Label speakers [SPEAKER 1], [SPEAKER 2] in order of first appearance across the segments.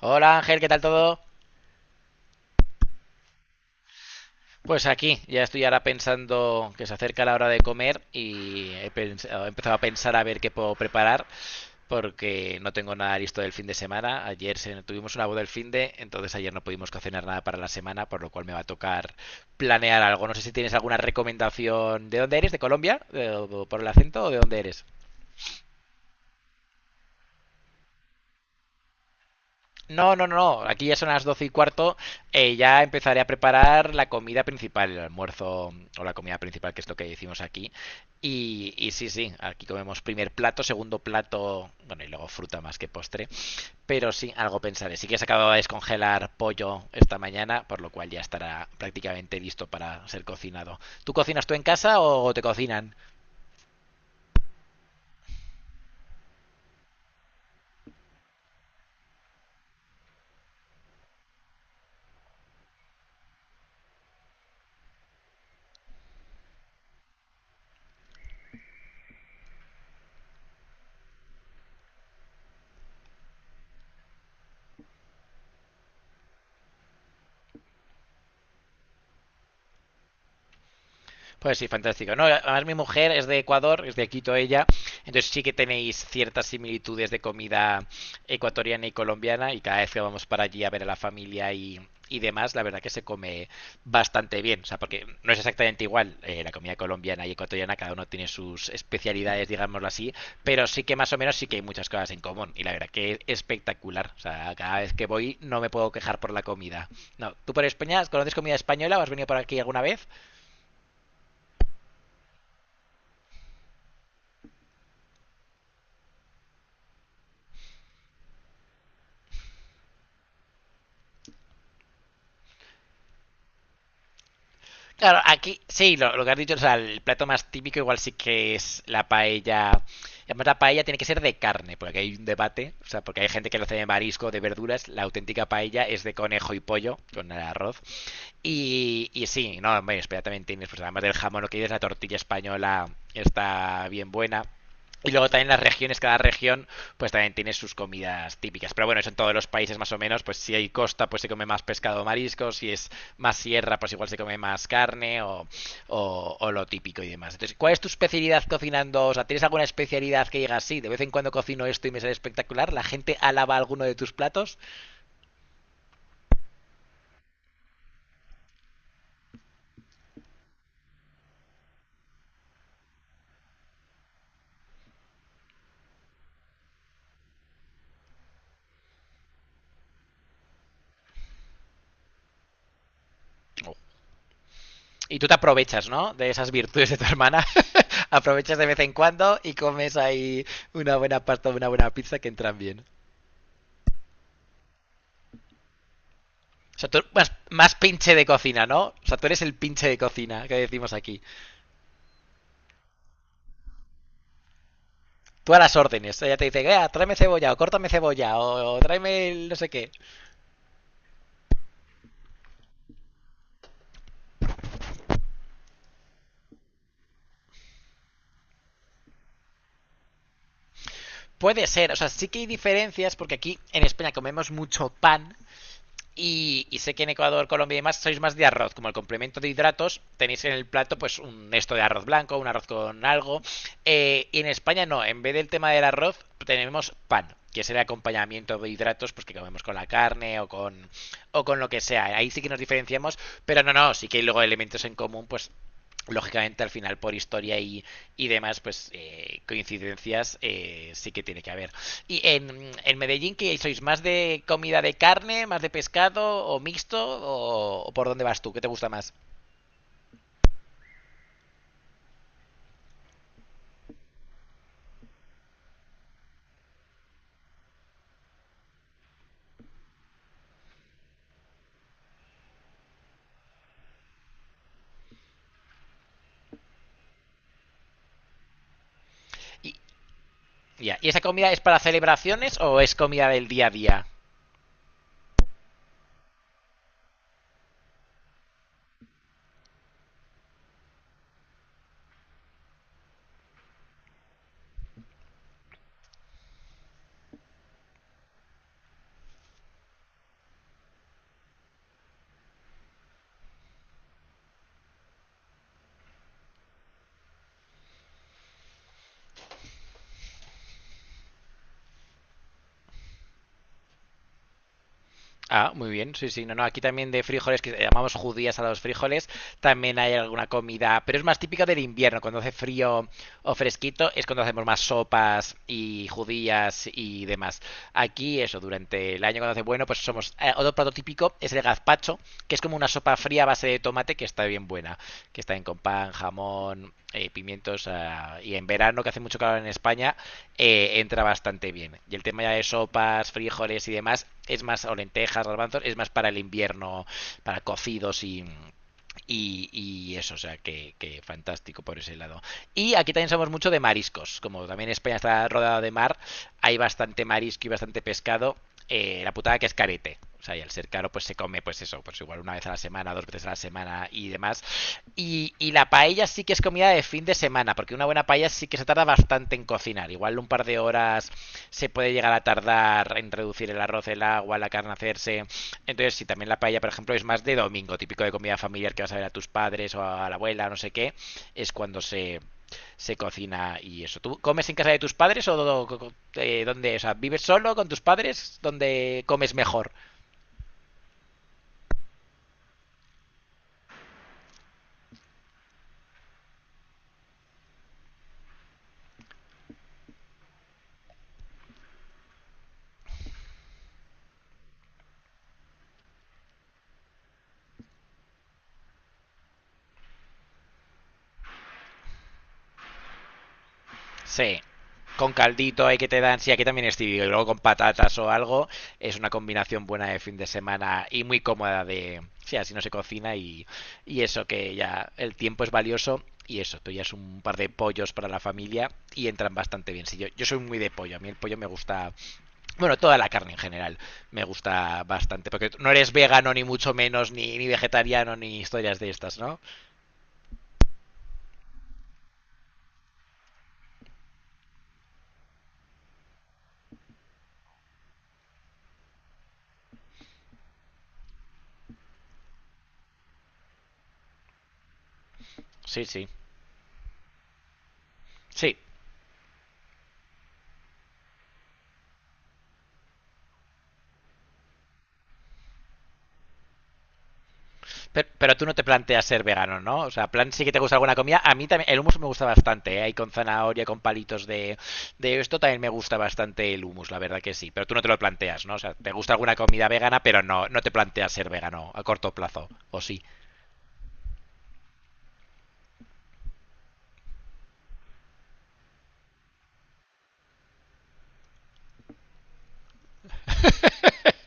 [SPEAKER 1] Hola Ángel, ¿qué tal todo? Pues aquí, ya estoy ahora pensando que se acerca la hora de comer y he empezado a pensar a ver qué puedo preparar porque no tengo nada listo del fin de semana. Ayer tuvimos una boda el fin de, entonces ayer no pudimos cocinar nada para la semana, por lo cual me va a tocar planear algo. No sé si tienes alguna recomendación. ¿De dónde eres? ¿De Colombia? ¿Por el acento o de dónde eres? No, no, no, no. Aquí ya son las doce y cuarto. Ya empezaré a preparar la comida principal, el almuerzo o la comida principal, que es lo que decimos aquí. Y sí, sí, aquí comemos primer plato, segundo plato, bueno, y luego fruta más que postre. Pero sí, algo pensaré. Sí que se acababa de descongelar pollo esta mañana, por lo cual ya estará prácticamente listo para ser cocinado. ¿Tú cocinas tú en casa o te cocinan? Pues sí, fantástico. No, además mi mujer es de Ecuador, es de Quito ella, entonces sí que tenéis ciertas similitudes de comida ecuatoriana y colombiana y cada vez que vamos para allí a ver a la familia y demás, la verdad que se come bastante bien, o sea, porque no es exactamente igual la comida colombiana y ecuatoriana, cada uno tiene sus especialidades, digámoslo así, pero sí que más o menos sí que hay muchas cosas en común y la verdad que es espectacular, o sea, cada vez que voy no me puedo quejar por la comida. No, ¿tú por España conoces comida española o has venido por aquí alguna vez? Claro, aquí sí, lo que has dicho, o sea, el plato más típico igual sí que es la paella. Y además, la paella tiene que ser de carne, porque aquí hay un debate, o sea, porque hay gente que lo hace de marisco, de verduras, la auténtica paella es de conejo y pollo, con el arroz. Y sí, no, bueno, espera, también tienes, pues además del jamón, lo que dices, la tortilla española está bien buena. Y luego también las regiones, cada región pues también tiene sus comidas típicas. Pero bueno, eso en todos los países más o menos, pues si hay costa pues se come más pescado o marisco, si es más sierra pues igual se come más carne o lo típico y demás. Entonces, ¿cuál es tu especialidad cocinando? O sea, ¿tienes alguna especialidad que digas, sí, de vez en cuando cocino esto y me sale espectacular? ¿La gente alaba alguno de tus platos? Y tú te aprovechas, ¿no? De esas virtudes de tu hermana. Aprovechas de vez en cuando y comes ahí una buena pasta o una buena pizza que entran bien. O sea, tú más pinche de cocina, ¿no? O sea, tú eres el pinche de cocina que decimos aquí. Tú a las órdenes. Ella te dice, "Vea, tráeme cebolla, o córtame cebolla, o tráeme el no sé qué". Puede ser, o sea, sí que hay diferencias porque aquí en España comemos mucho pan. Sé que en Ecuador, Colombia y demás sois más de arroz. Como el complemento de hidratos, tenéis en el plato pues un esto de arroz blanco, un arroz con algo. Y en España no, en vez del tema del arroz, tenemos pan, que es el acompañamiento de hidratos pues que comemos con la carne o con lo que sea. Ahí sí que nos diferenciamos, pero no, no, sí que hay luego elementos en común, pues lógicamente al final por historia y demás, pues coincidencias sí que tiene que haber. Y en Medellín, ¿qué sois? ¿Más de comida de carne, más de pescado o mixto? O por dónde vas tú? ¿Qué te gusta más? Y, ya, ¿y esa comida es para celebraciones o es comida del día a día? Ah, muy bien, sí, sí. No, no, aquí también de frijoles, que llamamos judías a los frijoles, también hay alguna comida, pero es más típica del invierno, cuando hace frío o fresquito, es cuando hacemos más sopas y judías y demás. Aquí, eso, durante el año cuando hace bueno, pues somos... otro plato típico es el gazpacho, que es como una sopa fría a base de tomate que está bien buena, que está bien con pan, jamón, pimientos, ah, y en verano, que hace mucho calor en España, entra bastante bien. Y el tema ya de sopas, frijoles y demás es más, o lentejas, garbanzos, es más para el invierno, para cocidos y eso, o sea, que fantástico por ese lado. Y aquí también somos mucho de mariscos. Como también España está rodeada de mar, hay bastante marisco y bastante pescado. La putada que es carete. O sea, y al ser caro, pues se come, pues eso, pues igual una vez a la semana, dos veces a la semana y demás. Y la paella sí que es comida de fin de semana, porque una buena paella sí que se tarda bastante en cocinar. Igual un par de horas se puede llegar a tardar en reducir el arroz, el agua, la carne hacerse. Entonces, si también la paella, por ejemplo, es más de domingo, típico de comida familiar que vas a ver a tus padres o a la abuela, no sé qué, es cuando se cocina y eso. ¿Tú comes en casa de tus padres o dónde? O sea, ¿vives solo con tus padres? ¿Dónde comes mejor? Sí. Con caldito hay que te dan, sí, aquí también es típico, y luego con patatas o algo, es una combinación buena de fin de semana y muy cómoda de, sí, así no se cocina y eso que ya el tiempo es valioso y eso, tú ya es un par de pollos para la familia y entran bastante bien. Sí, yo soy muy de pollo, a mí el pollo me gusta, bueno, toda la carne en general me gusta bastante, porque no eres vegano ni mucho menos, ni, ni vegetariano, ni historias de estas, ¿no? Sí, sí, sí. Pero tú no te planteas ser vegano, ¿no? O sea, plan sí que te gusta alguna comida. A mí también el hummus me gusta bastante, ¿eh? Ahí con zanahoria, con palitos de esto también me gusta bastante el hummus, la verdad que sí. Pero tú no te lo planteas, ¿no? O sea, te gusta alguna comida vegana, pero no, no te planteas ser vegano a corto plazo, ¿o sí?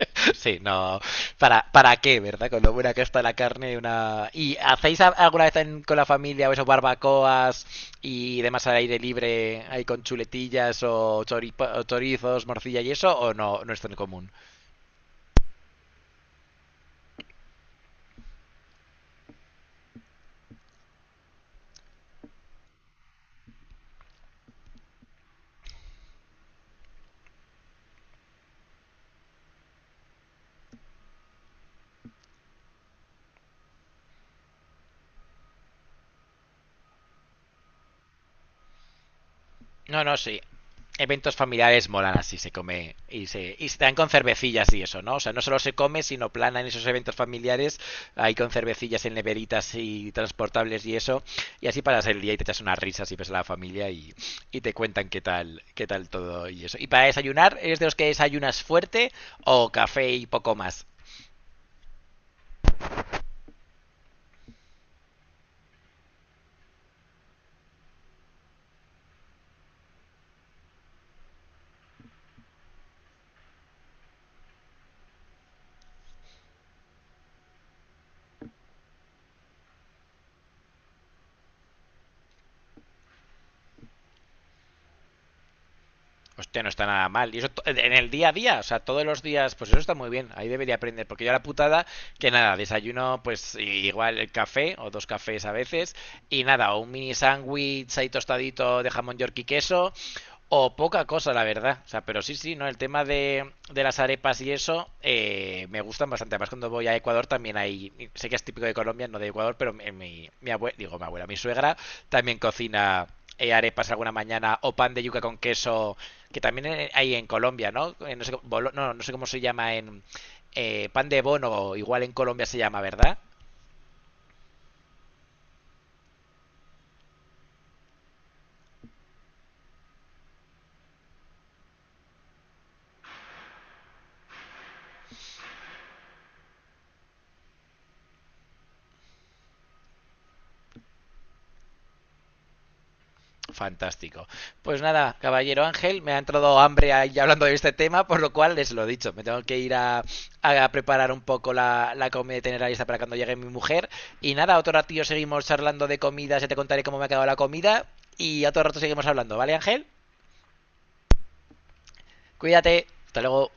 [SPEAKER 1] Sí, no. ¿Para qué, verdad? Con lo buena que está la carne, una. ¿Y hacéis alguna vez con la familia o eso, barbacoas y demás al aire libre, ahí con chuletillas o chorizos, morcilla y eso, o no, no es tan común? No, no, sí. Eventos familiares molan así, se come y y se dan con cervecillas y eso, ¿no? O sea, no solo se come, sino plana en esos eventos familiares, ahí con cervecillas en neveritas y transportables y eso, y así pasas el día y te echas unas risas y ves a la familia y te cuentan qué tal todo y eso. ¿Y para desayunar, eres de los que desayunas fuerte o café y poco más? Hostia, no está nada mal. Y eso en el día a día, o sea, todos los días, pues eso está muy bien. Ahí debería aprender, porque yo la putada, que nada, desayuno, pues igual el café o dos cafés a veces, y nada, o un mini sándwich ahí tostadito de jamón york y queso, o poca cosa, la verdad. O sea, pero sí, sí, ¿no? El tema de las arepas y eso me gustan bastante. Además, cuando voy a Ecuador también hay, sé que es típico de Colombia, no de Ecuador, pero abuela, digo mi abuela, mi suegra también cocina arepas alguna mañana o pan de yuca con queso que también hay en Colombia, ¿no? No sé, no, no sé cómo se llama en pan de bono, igual en Colombia se llama, ¿verdad? Fantástico. Pues nada, caballero Ángel, me ha entrado hambre ahí hablando de este tema, por lo cual les lo he dicho, me tengo que ir a preparar un poco la comida y tenerla lista para cuando llegue mi mujer. Y nada, otro ratillo seguimos charlando de comida, ya te contaré cómo me ha quedado la comida y otro rato seguimos hablando, ¿vale Ángel? Cuídate, hasta luego.